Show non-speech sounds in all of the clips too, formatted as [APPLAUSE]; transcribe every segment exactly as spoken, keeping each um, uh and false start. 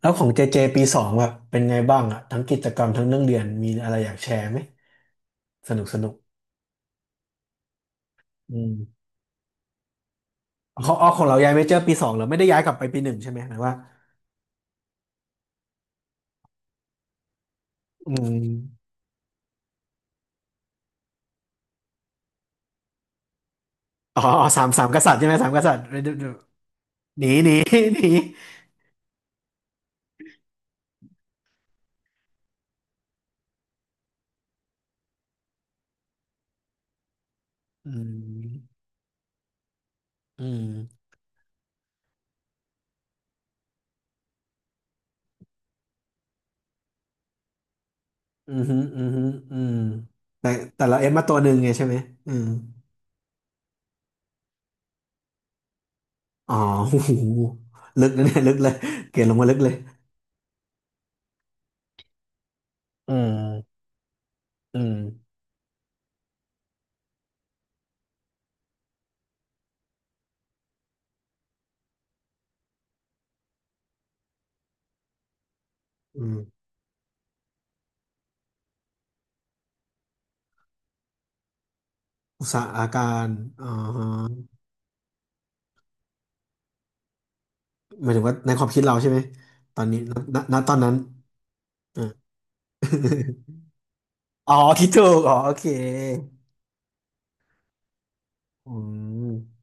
แล้วของเจเจปีสองแบบเป็นไงบ้างอ่ะทั้งกิจกรรมทั้งเรื่องเรียนมีอะไรอยากแชร์ไหมสนุกสนุกอืมเขาเอาของเราย้ายเมเจอร์ปีสองเหรอไม่ได้ย้ายกลับไปปีหนึ่งใช่ไหมหมายว่าอืมอ๋ออ๋อสามสามกษัตริย์ใช่ไหมสามกษัตริย์หนีหนี [LAUGHS] หนีอืมอืมอืมอืมอืมแต่แต่เราเอฟมาตัวหนึ่งไงใช่ไหมอืมอ๋อ [LAUGHS] โอ้โหลึกนะเนี่ยลึกเลยเกรดลงมาลึกเลยอืมอืมอืมอุตสาหการอ๋อ หมายถึงว่าในความคิดเราใช่ไหมตอนนี้ณณณตอนนั้นอ่า [LAUGHS] อ๋อคิดถูกอ๋อโอเคอืม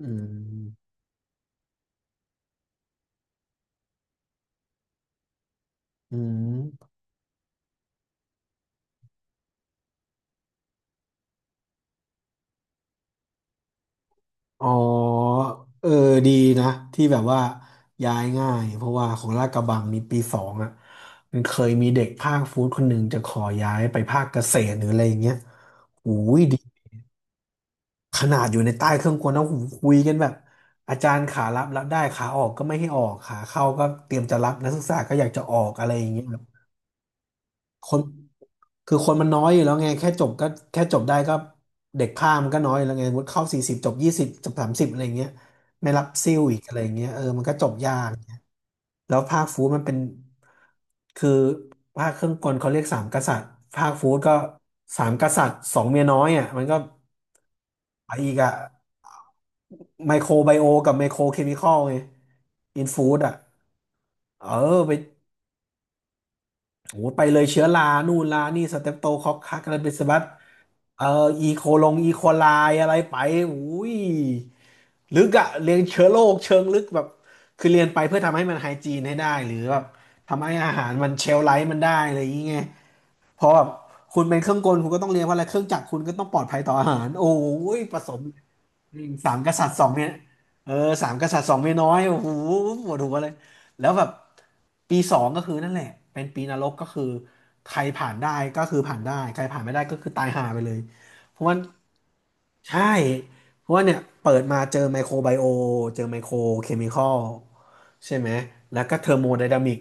อืมอืมอ๋อเออดีนะที่แบบว่าย้ายง่ายเพราะว่าของลาดกระบังนี่ปีสองอ่ะมันเคยมีเด็กภาคฟู้ดคนหนึ่งจะขอย้ายไปภาคเกษตรหรืออะไรอย่างเงี้ยโอ้ยดี ขนาดอยู่ในใต้เครื่องกลนะโอ้โหคุยกันแบบอาจารย์ขารับรับได้ขาออกก็ไม่ให้ออกขาเข้าก็เตรียมจะรับนักศึกษาก็อยากจะออกอะไรอย่างเงี้ยครับคนคือคนมันน้อยอยู่แล้วไงแค่จบก็แค่จบได้ก็เด็กข้ามมันก็น้อยอยู่แล้วไงสมมุติเข้าสี่สิบจบยี่สิบจบสามสิบอะไรอย่างเงี้ยไม่รับซิ่วอีกอะไรอย่างเงี้ยเออมันก็จบยาก แล้วภาคฟู้ดมันเป็นคือภาคเครื่องกลเขาเรียกสามกษัตริย์ภาคฟู้ดก็สามกษัตริย์สองเมียน้อยอ่ะมันก็อีกอ่ะไมโครไบโอกับไมโครเคมีคอลไงอินฟู้ดอ่ะเออไป โอ้ไปเลยเชื้อรานู่นลานี่สเตปโตคอกคักอะไรเป็นสบัดเอ่ออีโคลงอีโคไลอะไรไปอุ้ยลึกอะเรียนเชื้อโรคเชิงลึกแบบ คือเรียนไปเพื่อทำให้มันไฮจีนให้ได้หรือแบบทำให้อาหารมันเชลไลฟ์มันได้อะไรอย่างเงี้ยเพราะแบบคุณเป็นเครื่องกลคุณก็ต้องเรียนว่าอะไร เครื่องจักรคุณก็ต้องปลอดภัยต่ออาหารโอ้ยผสมสามกษัตริย์สองเมียเออสามกษัตริย์สองเมียน้อยโอ้โหปวดหัวเลย แล้วแบบปีสองก็คือนั่นแหละเป็นปีนรกก็คือใครผ่านได้ก็คือผ่านได้ใครผ่านไม่ได้ก็คือตายห่าไปเลยเพราะว่าใช่เพราะว่าเนี่ยเปิดมาเจอไมโครไบโอเจอไมโครเคมีคอลใช่ไหมแล้วก็เทอร์โมไดนามิก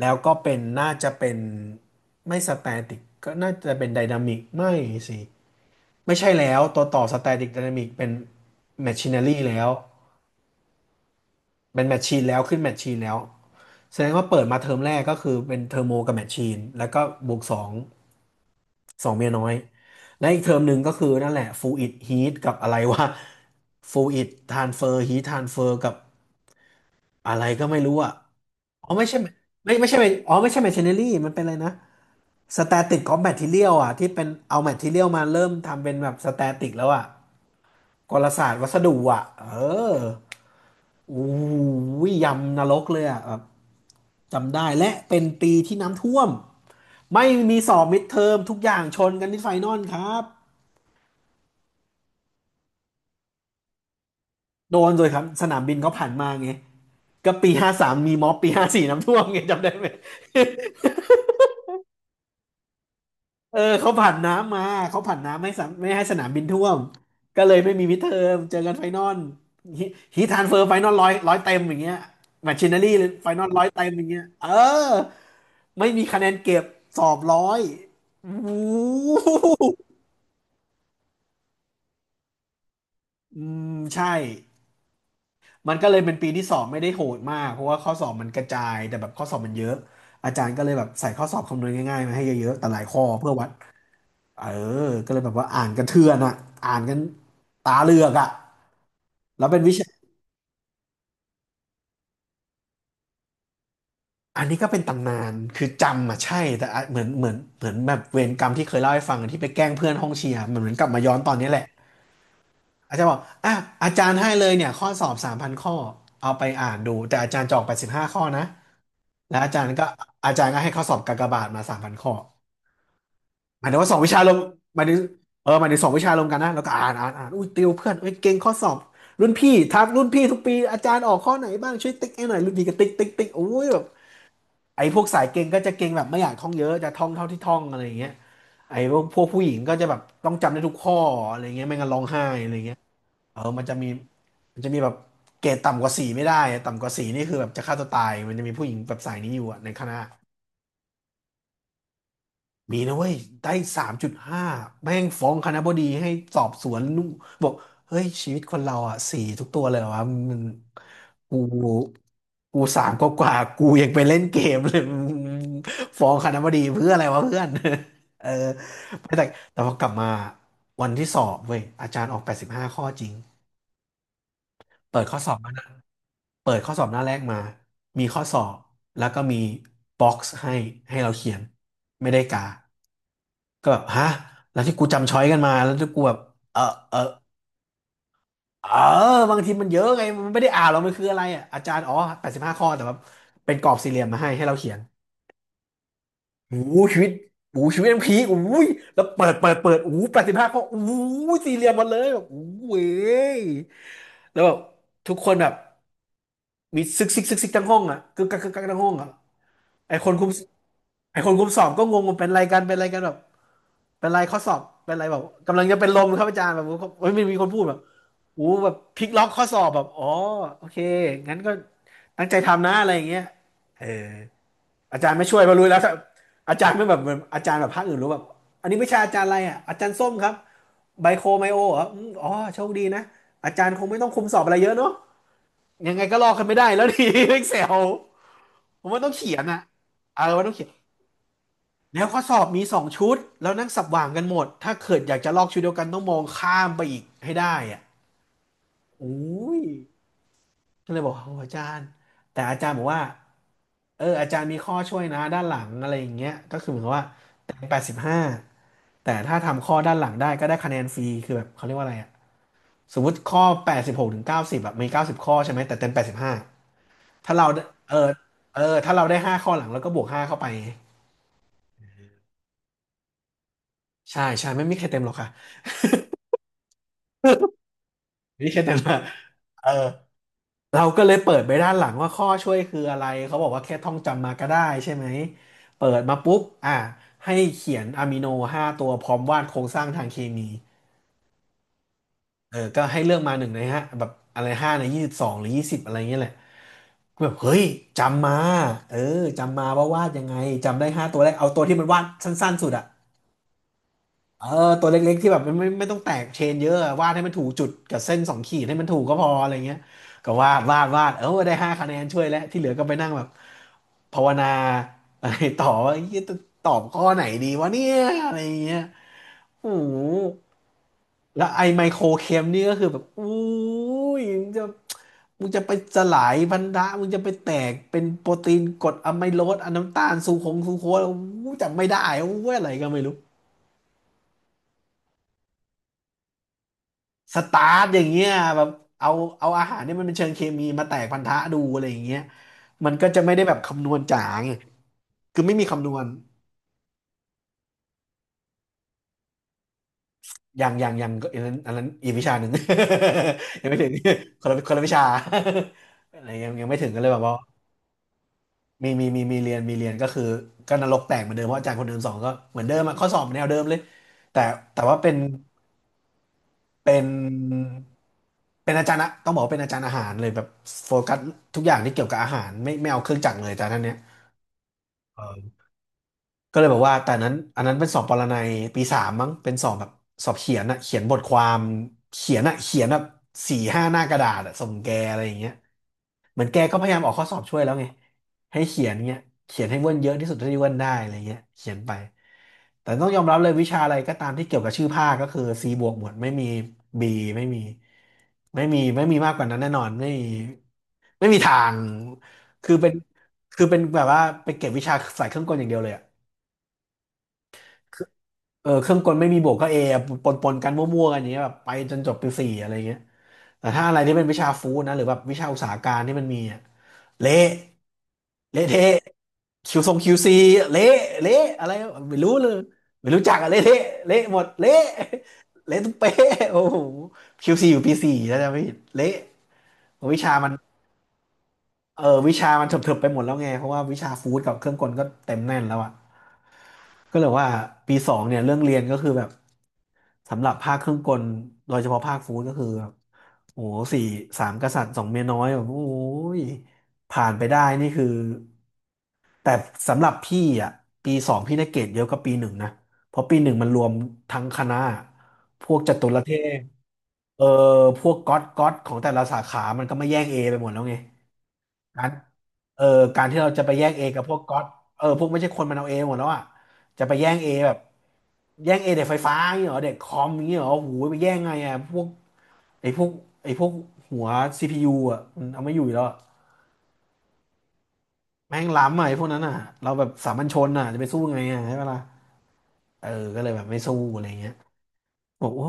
แล้วก็เป็นน่าจะเป็นไม่สแตติกก็น่าจะเป็นไดนามิกไม่สิไม่ใช่แล้วตัวต่อสแตติกไดนามิกเป็นแมชชีน n รีแล้วเป็นแมชชีนแล้วขึ้นแมชชีนแล้ว แสดงว่าเปิดมาเทอมแรกก็คือเป็นเทอร์โมกับแมชชีนแล้วก็บวกสองสองเมียน้อยและอีกเทอมหนึ่งก็คือนั่นแหละฟูอิดฮีทกับอะไรวะฟูอิดทานเฟอร์ฮีททานเฟอร์กับอะไรก็ไม่รู้อ่ะอ๋อไม่ใช่ไม่ไม่ใช่อ๋อไม่ใช่แมชชีนเนอรี่มันเป็นอะไรนะสแตติกกองแมททีเรียลอ่ะที่เป็นเอาแมททีเรียลมาเริ่มทำเป็นแบบสแตติกแล้วอ่ะกลศาสตร์วัสดุอ่ะเออ อู้ยยำนรกเลยอ่ะแบบจำได้และเป็นปีที่น้ำท่วมไม่มีสอบมิดเทอมทุกอย่างชนกันที่ไฟนอลครับโดนเลยครับสนามบินเขาผ่านมาไงก็ปีห้าสามมีม็อบปีห้าสี่น้ำท่วมไงจำได้ไหม เออเขาผ่านน้ำมาเขาผ่านน้ำไม่สามไม่ให้สนามบินท่วมก็เลยไม่มีมิดเทอมเจอกันไฟนอลฮีททรานสเฟอร์ไฟนอลร้อยร้อยเต็มอย่างเงี้ยแมชชีนารี่ไฟนอลร้อยเต็มอย่างเงี้ยเออไม่มีคะแนนเก็บสอบร้อยโอ้โหอืมใช่มันก็เลยเป็นปีที่สอบไม่ได้โหดมากเพราะว่าข้อสอบมันกระจายแต่แบบข้อสอบมันเยอะอาจารย์ก็เลยแบบใส่ข้อสอบคำนวณง่ายๆมาให้เยอะๆแต่หลายข้อเพื่อวัด เออก็เลยแบบว่าอ่านกันเทือนอ่ะอ่านกันตาเหลือกอ่ะแล้วเป็นวิชาอันนี้ก็เป็นตำนาน คือจำอ่ะใช่แต่อ่ะเหมือนเหมือนเหมือนแบบเวรกรรมที่เคยเล่าให้ฟังที่ไปแกล้งเพื่อนห้องเชียร์มันเหมือนกลับมาย้อนตอนนี้แหละอาจารย์บอกอ่ะอาจารย์ให้เลยเนี่ยข้อสอบสามพันข้อเอาไปอ่านดูแต่อาจารย์จะออกไปสิบห้าข้อนะแล้วอาจารย์ก็อาจารย์ก็ให้ข้อสอบกากบาทมาสามพันข้อ หมายถึงว่าสองวิชารวมหมายถึงเออหมายถึงสองวิชารวมกันนะแล้วก็อ่านอ่านอ่านอุ้ยติวเพื่อนเอ้ยเก่งข้อสอบรุ่นพี่ทักรุ่นพี่ทุกปีอาจารย์ออกข้อไหนบ้างช่วยติ๊กให้หน่อยรุ่นพี่ก็ติ๊กติ๊กติ๊กโอ้ยแบบไอ้พวกสายเก่งก็จะเก่งแบบไม่อยากท่องเยอะจะท่องเท่าที่ท่องอะไรอย่างเงี้ยไอ้พวกพวกผู้หญิงก็จะแบบต้องจำได้ทุกข้ออะไรเงี้ยไม่งั้นร้องไห้อะไรเงี้ยเออมันจะมีมันจะมีแบบเกรดต่ำกว่าสี่ไม่ได้อะต่ำกว่าสี่นี่คือแบบจะฆ่าตัวตายมันจะมีผู้หญิงแบบสายนี้อยู่อะในคณะ มีนะเว้ยได้สามจุดห้าแม่งฟ้องคณบดีให้สอบสวนนู่นบอกเฮ้ยชีวิตคนเราอ่ะสี่ทุกตัวเลยเหรอวะมันกูกูสามก็กว่าๆกูยังไปเล่นเกมเลย [LAUGHS] มึงฟ้องคณบดีเพื่ออะไรวะเพื่อน [LAUGHS] เออไม่แต่แต่พอกลับมาวันที่สอบเว้ยอาจารย์ออกแปดสิบห้าข้อจริงเปิดข้อสอบมาหน้าเปิดข้อสอบหน้าแรกมามีข้อสอบแล้วก็มีบ็อกซ์ให้ให้เราเขียนไม่ได้กา ก็แบบฮะแล้วที่กูจำช้อยกันมาแล้วที่กูแบบเออเออเออบางทีมันเยอะไงมันไม่ได้อ่านหรอกมันคืออะไรอ่ะอาจารย์อ๋อแปดสิบห้าข้อแต่ว่าเป็นกรอบสี่เหลี่ยมมาให้ให้เราเขียนโอ้โหชีวิตโอ้โหชีวิตมันพีคโอ้ยแล้วเปิดเปิดเปิดโอ้แปดสิบห้าข้อโอ้โหสี่เหลี่ยมหมดเลยแบบโอ้โหเว้ยแล้วแบบทุกคนแบบมีซึกซึกซึกซึกทั้งห้องอ่ะกึกกักกึกกักทั้งห้องอ่ะไอคนคุมไอคนคุมสอบก็งงว่าเป็นอะไรกันเป็นอะไรกันแบบ เป็นไรข้อสอบเป็นไรแบบกำลังจะเป็นลมครับอาจารย์แบบเฮ้ยมันมีคนพูดแบบโอู้แบบพลิกล็อกข้อสอบแบบอ๋อโอเคงั้นก็ตั้งใจทำนะอะไรอย่างเงี้ยเอออาจารย์ไม่ช่วยมารู้แล้วถ้าอาจารย์ไม่แบบเหมือนอาจารย์แบบภาคอื่นรู้แบบอันนี้วิชาอาจารย์อะไรอ่ะอาจารย์ส้มครับไบโคไมโอเหรออืมอ๋อโชคดีนะอาจารย์คงไม่ต้องคุมสอบอะไรเยอะเนาะยังไงก็ลอกกันไม่ได้แล้วดี [LAUGHS] e กเ e ลผมว่าต้องเขียนอ่ะเออว่าต้องเขียน แล้วข้อสอบมีสองชุดแล้วนั่งสับหว่างกันหมดถ้าเกิดอยากจะลอกชุดเดียวกันต้องมองข้ามไปอีกให้ได้อ่ะโอ้ยก็เลยบอกโอ้อาจารย์แต่อาจารย์บอกว่าเอออาจารย์มีข้อช่วยนะด้านหลังอะไรอย่างเงี้ยก็คือเหมือนกับว่าแต้มแปดสิบห้าแต่ถ้าทำข้อด้านหลังได้ก็ได้คะแนนฟรีคือแบบเขาเรียกว่าอะไรอ่ะสมมติข้อแปดสิบหกถึงเก้าสิบแบบมีเก้าสิบข้อใช่ไหมแต่เต็มแปดสิบห้าถ้าเราเออเออถ้าเราได้ห้าข้อหลังแล้วก็บวกห้าเข้าไปใช่ใช่ไม่มีใครเต็มหรอกค่ะ [LAUGHS] ไม่มีใครเต็มหรอกเออ เราก็เลยเปิดไปด้านหลังว่าข้อช่วยคืออะไรเขาบอกว่าแค่ท่องจำมาก็ได้ใช่ไหมเปิดมาปุ๊บอ่ะให้เขียนอะมิโนห้าตัวพร้อมวาดโครงสร้างทางเคมีเออก็ให้เลือกมาหนึ่งในห้าแบบอะไรห้าในยี่สิบสองหรือยี่สิบอะไรเงี้ยแหละก็แบบเฮ้ยจำมาเออจำมาว่าวาดยังไงจำได้ห้าตัวแรกเอาตัวที่มันวาดสั้นๆสุดอะ เออตัวเล็กๆที่แบบมันไม่ไม่ต้องแตกเชนเยอะอะวาดให้มันถูกจุดกับเส้นสองขีดให้มันถูกก็พออะไรเงี้ยก็วาดวาดวาดเออได้ห้าคะแนนช่วยแล้วที่เหลือก็ไปนั่งแบบภาวนาอะไรต่อว่าเหี้ยจะตอบข้อไหนดีวะเนี่ยอะไรเงี้ยโอ้โหแล้วไอ้ไมโครเคมนี่ก็คือแบบอู้ยมึงจะมึงจะไปสลายพันธะมึงจะไปแตกเป็นโปรตีนกรดอะไมโลสอะน้ำตาลซูโคงซูโคสอู้จำไม่ได้อู้อะไรก็ไม่รู้ สตาร์ทอย่างเงี้ยแบบเอาเอาอาหารเนี่ยมันเป็นเชิงเคมีมาแตกพันธะดูอะไรอย่างเงี้ยมันก็จะไม่ได้แบบคำนวณจ๋าไงคือไม่มีคำนวณอย่างอย่างอย่างอันนั้นอันนั้นอีกวิชาหนึ่ง [LAUGHS] ยังไม่ถึงคนละคนละวิชา [LAUGHS] อะไรยังยังไม่ถึงก็เลยแบบว่ามีมีมีมีเรียนมีเรียนก็คือก็นรกแตกเหมือนเดิมเพราะอาจารย์คนเดิมสอนก็เหมือนเดิมอะข้อสอบเหมือนแนวเดิมเลยแต่แต่ว่าเป็น เป็นเป็นอาจารย์อะต้องบอกว่าเป็นอาจารย์อาหารเลยแบบโฟกัสทุกอย่างที่เกี่ยวกับอาหารไม่ไม่เอาเครื่องจักรเลยแต่ท่านเนี้ย ก็เลยบอกว่าแต่นั้นอันนั้นเป็นสอบปรนัยปีสามมั้งเป็นสอบแบบสอบเขียนอะเขียนบทความเขียนอะเขียนแบบสี่ห้าหน้ากระดาษอะส่งแกอะไรอย่างเงี้ยเหมือนแกก็พยายามออกข้อสอบช่วยแล้วไงให้เขียนเงี้ยเขียนให้เวิ้นเยอะที่สุดเท่าที่เวิ้นได้อะไรเงี้ยเขียนไปแต่ต้องยอมรับเลยวิชาอะไรก็ตามที่เกี่ยวกับชื่อภาคก็คือ ซี บวกหมดไม่มี บี ไม่มีไม่มีไม่มีมากกว่านั้นแน่นอนไม่มีไม่มีทางคือเป็นคือเป็นแบบว่าไปเก็บวิชาสายเครื่องกลอย่างเดียวเลยอะ เออเครื่องกลไม่มีบวกก็เอปนปนกันมั่วๆกันอย่างเงี้ยแบบไปจนจบปีสี่อะไรเงี้ยแต่ถ้าอะไรที่เป็นวิชาฟู้ดนะหรือแบบวิชาอุตสาหการที่มันมีอะเละเละเทะคิวทรงคิวซีเละเละอะไรไม่รู้เลยไม่รู้จักอะเละเทะเละหมดเละเละทุกเป๊ะโอ้โหคิวซีอยู่ปีสี่แล้วจะไม่ผิดเละวิชามันเออวิชามันเถิบๆไปหมดแล้วไงเพราะว่าวิชาฟู้ดกับเครื่องกลก็เต็มแน่นแล้วอะ ก็เลยว่าปีสองเนี่ยเรื่องเรียนก็คือแบบสำหรับภาคเครื่องกลโดยเฉพาะภาคฟู้ดก็คือแบบโอ้โหสี่สามกษัตริย์สองเมียน้อยแบบโอ้ยผ่านไปได้นี่คือแต่สำหรับพี่อ่ะปีสองพี่ได้เกรดเยอะกว่าปีหนึ่งนะเพราะปีหนึ่งมันรวมทั้งคณะพวกจตุรเทพเออพวกก๊อตก๊อตของแต่ละสาขามันก็มาแย่งเอไปหมดแล้วไง การเออการที่เราจะไปแย่งเอกับพวกก๊อตเออพวกไม่ใช่คนมันเอาเอหมดแล้วอ่ะจะไปแย่งเอแบบแย่งเอเด็กไฟฟ้าอย่างเงี้ยเหรอเด็กคอมอย่างเงี้ยเหรอโอ้โหูไปแย่งไงอ่ะพวกไอ้พวกไอ้พวกหัวซีพียูอ่ะมันเอาไม่อยู่อยู่แล้วอะแม่งล้ำอ่ะไอ้พวกนั้นอ่ะเราแบบสามัญชนอ่ะจะไปสู้ไงอ่ะใช่ปะล่ะเออก็เลยแบบไม่สู้อะไรเงี้ยบอกโอ้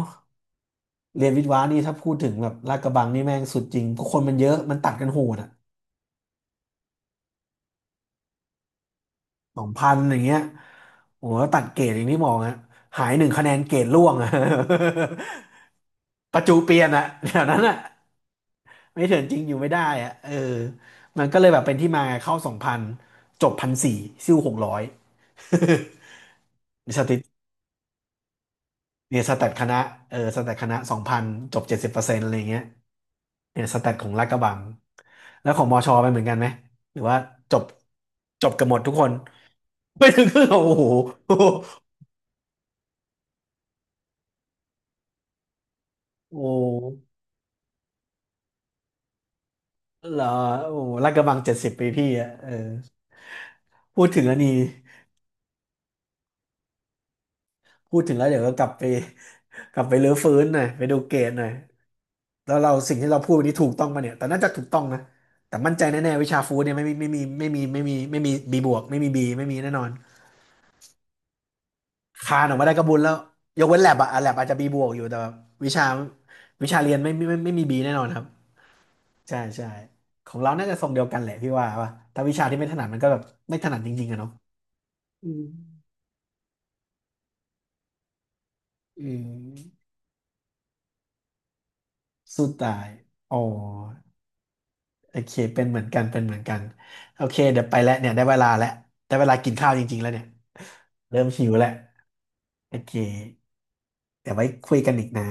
เรียนวิทย์วะนี่ถ้าพูดถึงแบบลาดกระบังนี่แม่งสุดจริงเพราะคนมันเยอะมันตัดกันโหดอ่ะ สองพันอย่างเงี้ยโอ้โหตัดเกรดอย่างที่บอกฮะหายหนึ่งคะแนนเกรดร่วงอะ [LAUGHS] ประจูเปลี่ยนอะแถวนั้นอะไม่เถื่อนจริงอยู่ไม่ได้อะเออมันก็เลยแบบเป็นที่มาเข้าสองพันจบพันสี่ซิ่วหกร้อย [LAUGHS] สถิตเนี่ยสแตทคณะเออสแตทคณะสองพันจบเจ็ดสิบเปอร์เซ็นต์อะไรเงี้ยเนี่ยสแตทของลาดกระบังแล้วของมอชอไปเหมือนกันไหมหรือว่าจบจบกันหมดทุกคนไม่ถึงครึ่งเหรอโอ้โห [LAUGHS] โอ้โห เหรอโอ้โหลาดกระบังเจ็ดสิบปีพี่อ่ะเออพูดถึงแล้วนี่พูดถึงแล้วเดี๋ยวก็กลับไป [LAUGHS] กลับไปรื้อฟื้นหน่อยไปดูเกรดหน่อยแล้วเราสิ่งที่เราพูดวันนี้ถูกต้องปะเนี่ยแต่น่าจะถูกต้องนะแต่มั่นใจแน่ๆวิชาฟู้ดเนี่ยไม่มีไม่มีไม่มีไม่มีไม่มีบีบวกไม่มีบีไม่มีแน่นอนคานออกมาได้ก็บุญแล้วยกเว้นแลบอะแลบอาจจะบีบวกอยู่แต่แบบวิชาวิชาเรียนไม่ไม่ไม่ไม่มีบีแน่นอนครับใช่ใช่ของเราน่าจะทรงเดียวกันแหละพี่ว่าว่าถ้าวิชาที่ไม่ถนัดมันก็แบบไม่ถนัดจริงๆอะเนาะอืมอืม สู้ตายอ๋อโอเคเป็นเหมือนกันเป็นเหมือนกันโอเคเดี๋ยวไปแล้วเนี่ยได้เวลาแล้วได้เวลากินข้าวจริงๆแล้วเนี่ยเริ่มหิวแล้วโอเคเดี๋ยวไว้คุยกันอีกนะ